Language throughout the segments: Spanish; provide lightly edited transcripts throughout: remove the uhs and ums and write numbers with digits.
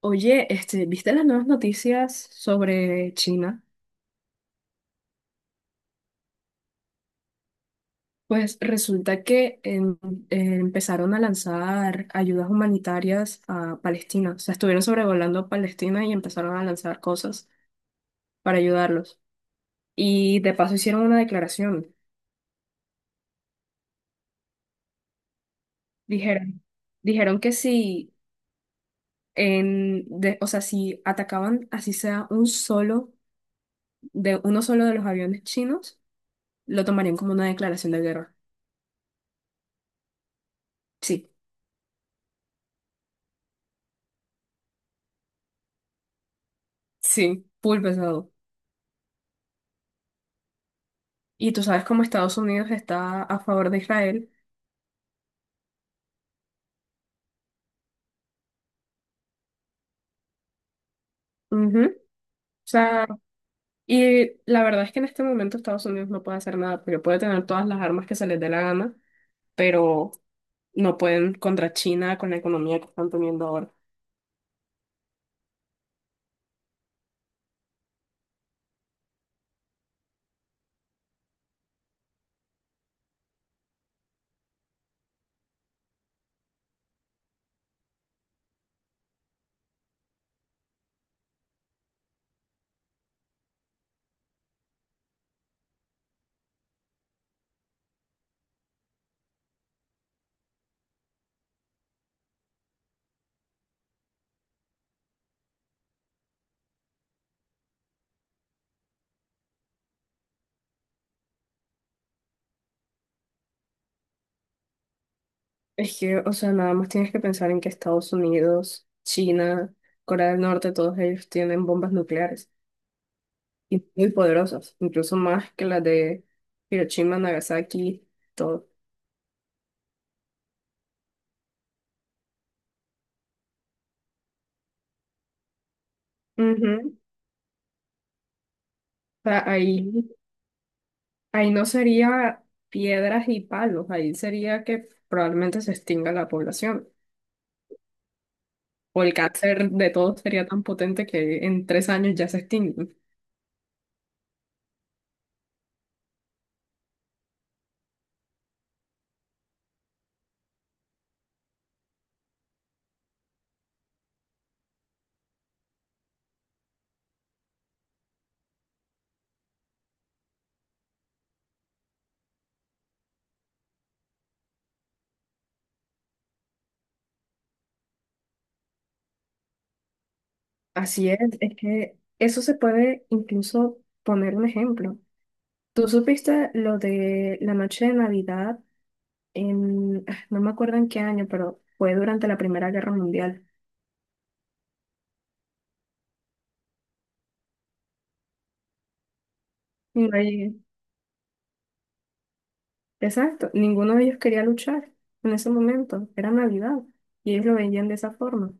Oye, este, ¿viste las nuevas noticias sobre China? Pues resulta que empezaron a lanzar ayudas humanitarias a Palestina. O sea, estuvieron sobrevolando a Palestina y empezaron a lanzar cosas para ayudarlos. Y de paso hicieron una declaración. Dijeron, dijeron que si o sea, si atacaban así sea un solo de uno solo de los aviones chinos, lo tomarían como una declaración de guerra. Sí, sí, full pesado. Y tú sabes cómo Estados Unidos está a favor de Israel. Ujú. O sea, y la verdad es que en este momento Estados Unidos no puede hacer nada, porque puede tener todas las armas que se les dé la gana, pero no pueden contra China con la economía que están teniendo ahora. Es que, o sea, nada más tienes que pensar en que Estados Unidos, China, Corea del Norte, todos ellos tienen bombas nucleares y muy poderosas, incluso más que las de Hiroshima, Nagasaki, todo. Ujú. O sea, ahí. Ahí no sería piedras y palos, ahí sería que probablemente se extinga la población. O el cáncer de todos sería tan potente que en tres años ya se extingue. Así es que eso se puede incluso poner un ejemplo. Tú supiste lo de la noche de Navidad no me acuerdo en qué año, pero fue durante la Primera Guerra Mundial. Y no hay- exacto, ninguno de ellos quería luchar en ese momento, era Navidad, y ellos lo veían de esa forma.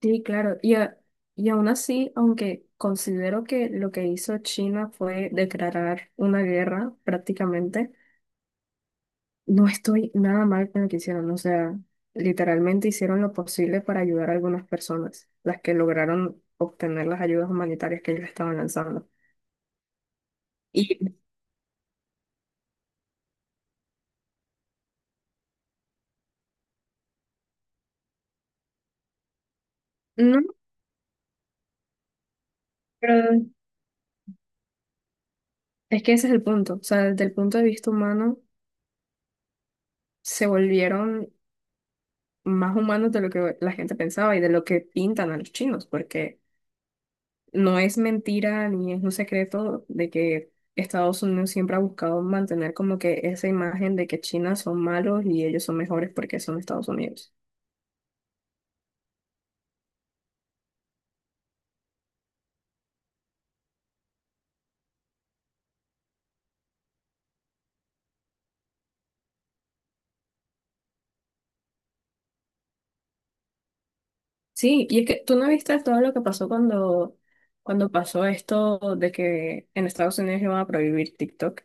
Sí, claro. Y aún así, aunque considero que lo que hizo China fue declarar una guerra prácticamente, no estoy nada mal con lo que hicieron. O sea, literalmente hicieron lo posible para ayudar a algunas personas, las que lograron obtener las ayudas humanitarias que ellos estaban lanzando. Y no, pero es que ese es el punto. O sea, desde el punto de vista humano, se volvieron más humanos de lo que la gente pensaba y de lo que pintan a los chinos, porque... No es mentira ni es un secreto de que Estados Unidos siempre ha buscado mantener como que esa imagen de que China son malos y ellos son mejores porque son Estados Unidos. Sí, y es que tú no viste todo lo que pasó cuando pasó esto de que en Estados Unidos iban a prohibir TikTok.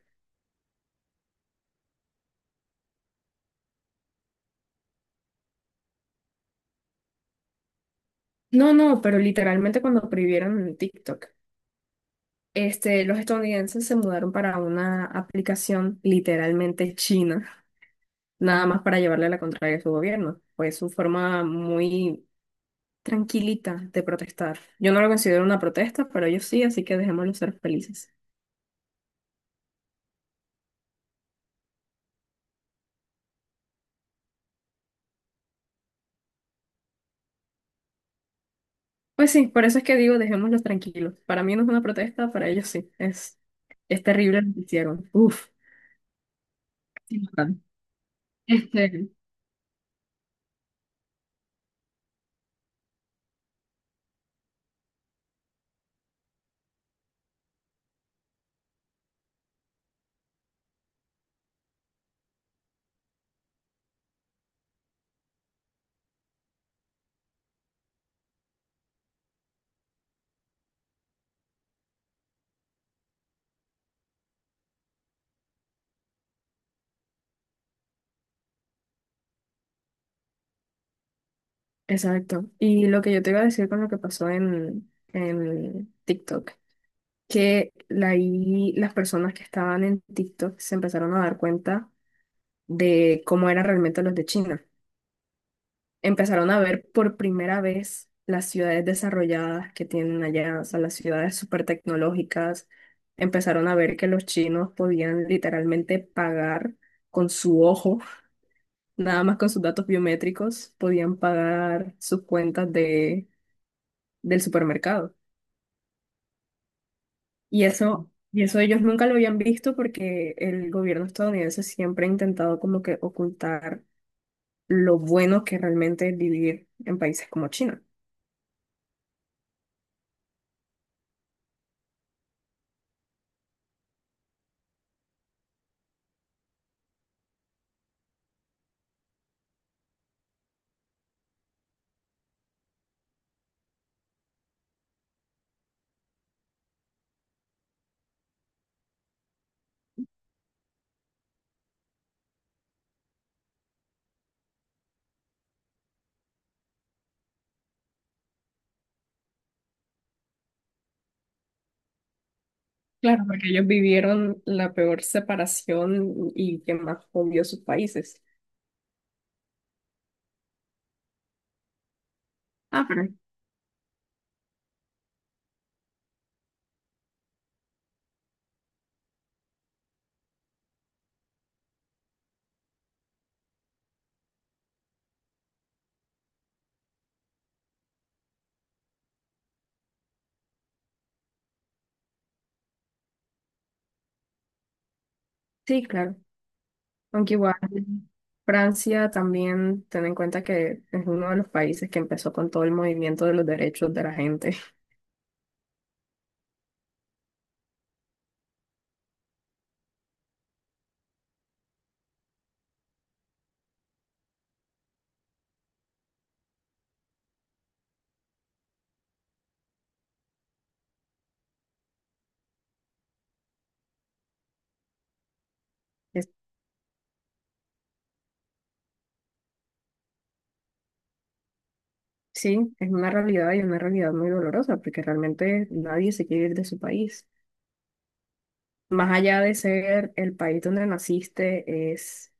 No, no, pero literalmente cuando prohibieron TikTok, este, los estadounidenses se mudaron para una aplicación literalmente china, nada más para llevarle la contraria a su gobierno. Fue su forma muy tranquilita de protestar. Yo no lo considero una protesta, pero ellos sí, así que dejémoslos ser felices. Pues sí, por eso es que digo, dejémoslos tranquilos. Para mí no es una protesta, para ellos sí. Es terrible lo que hicieron. Uf, sí, bastante. Este, exacto. Y lo que yo te iba a decir con lo que pasó en TikTok, y las personas que estaban en TikTok se empezaron a dar cuenta de cómo eran realmente los de China. Empezaron a ver por primera vez las ciudades desarrolladas que tienen allá, o sea, las ciudades súper tecnológicas, empezaron a ver que los chinos podían literalmente pagar con su ojo, nada más con sus datos biométricos, podían pagar sus cuentas de, del supermercado. Y eso ellos nunca lo habían visto porque el gobierno estadounidense siempre ha intentado como que ocultar lo bueno que realmente es vivir en países como China. Claro, porque ellos vivieron la peor separación y que más hundió sus países. Ah, pero sí, claro. Aunque igual Francia también, ten en cuenta que es uno de los países que empezó con todo el movimiento de los derechos de la gente. Es- sí, es una realidad y una realidad muy dolorosa porque realmente nadie se quiere ir de su país. Más allá de ser el país donde naciste, es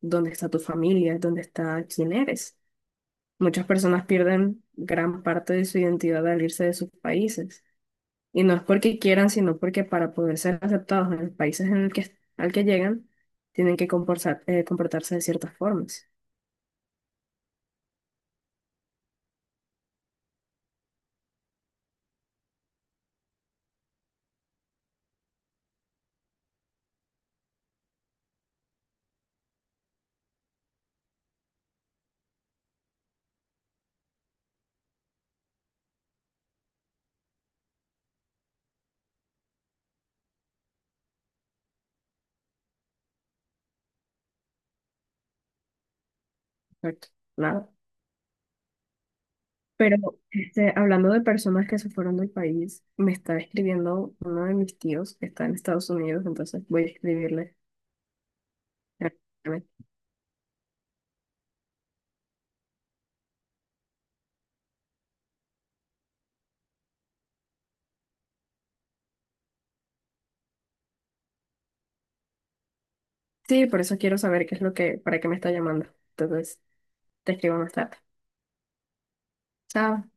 donde está tu familia, es donde está quién eres. Muchas personas pierden gran parte de su identidad al irse de sus países. Y no es porque quieran, sino porque para poder ser aceptados en los países en el que, al que llegan, tienen que comportarse de ciertas formas. Correcto. Nada. Pero este, hablando de personas que se fueron del país, me está escribiendo uno de mis tíos que está en Estados Unidos, entonces voy a escribirle. Sí, por eso quiero saber qué es lo que, para qué me está llamando. Entonces, te escribo más tarde. Chao.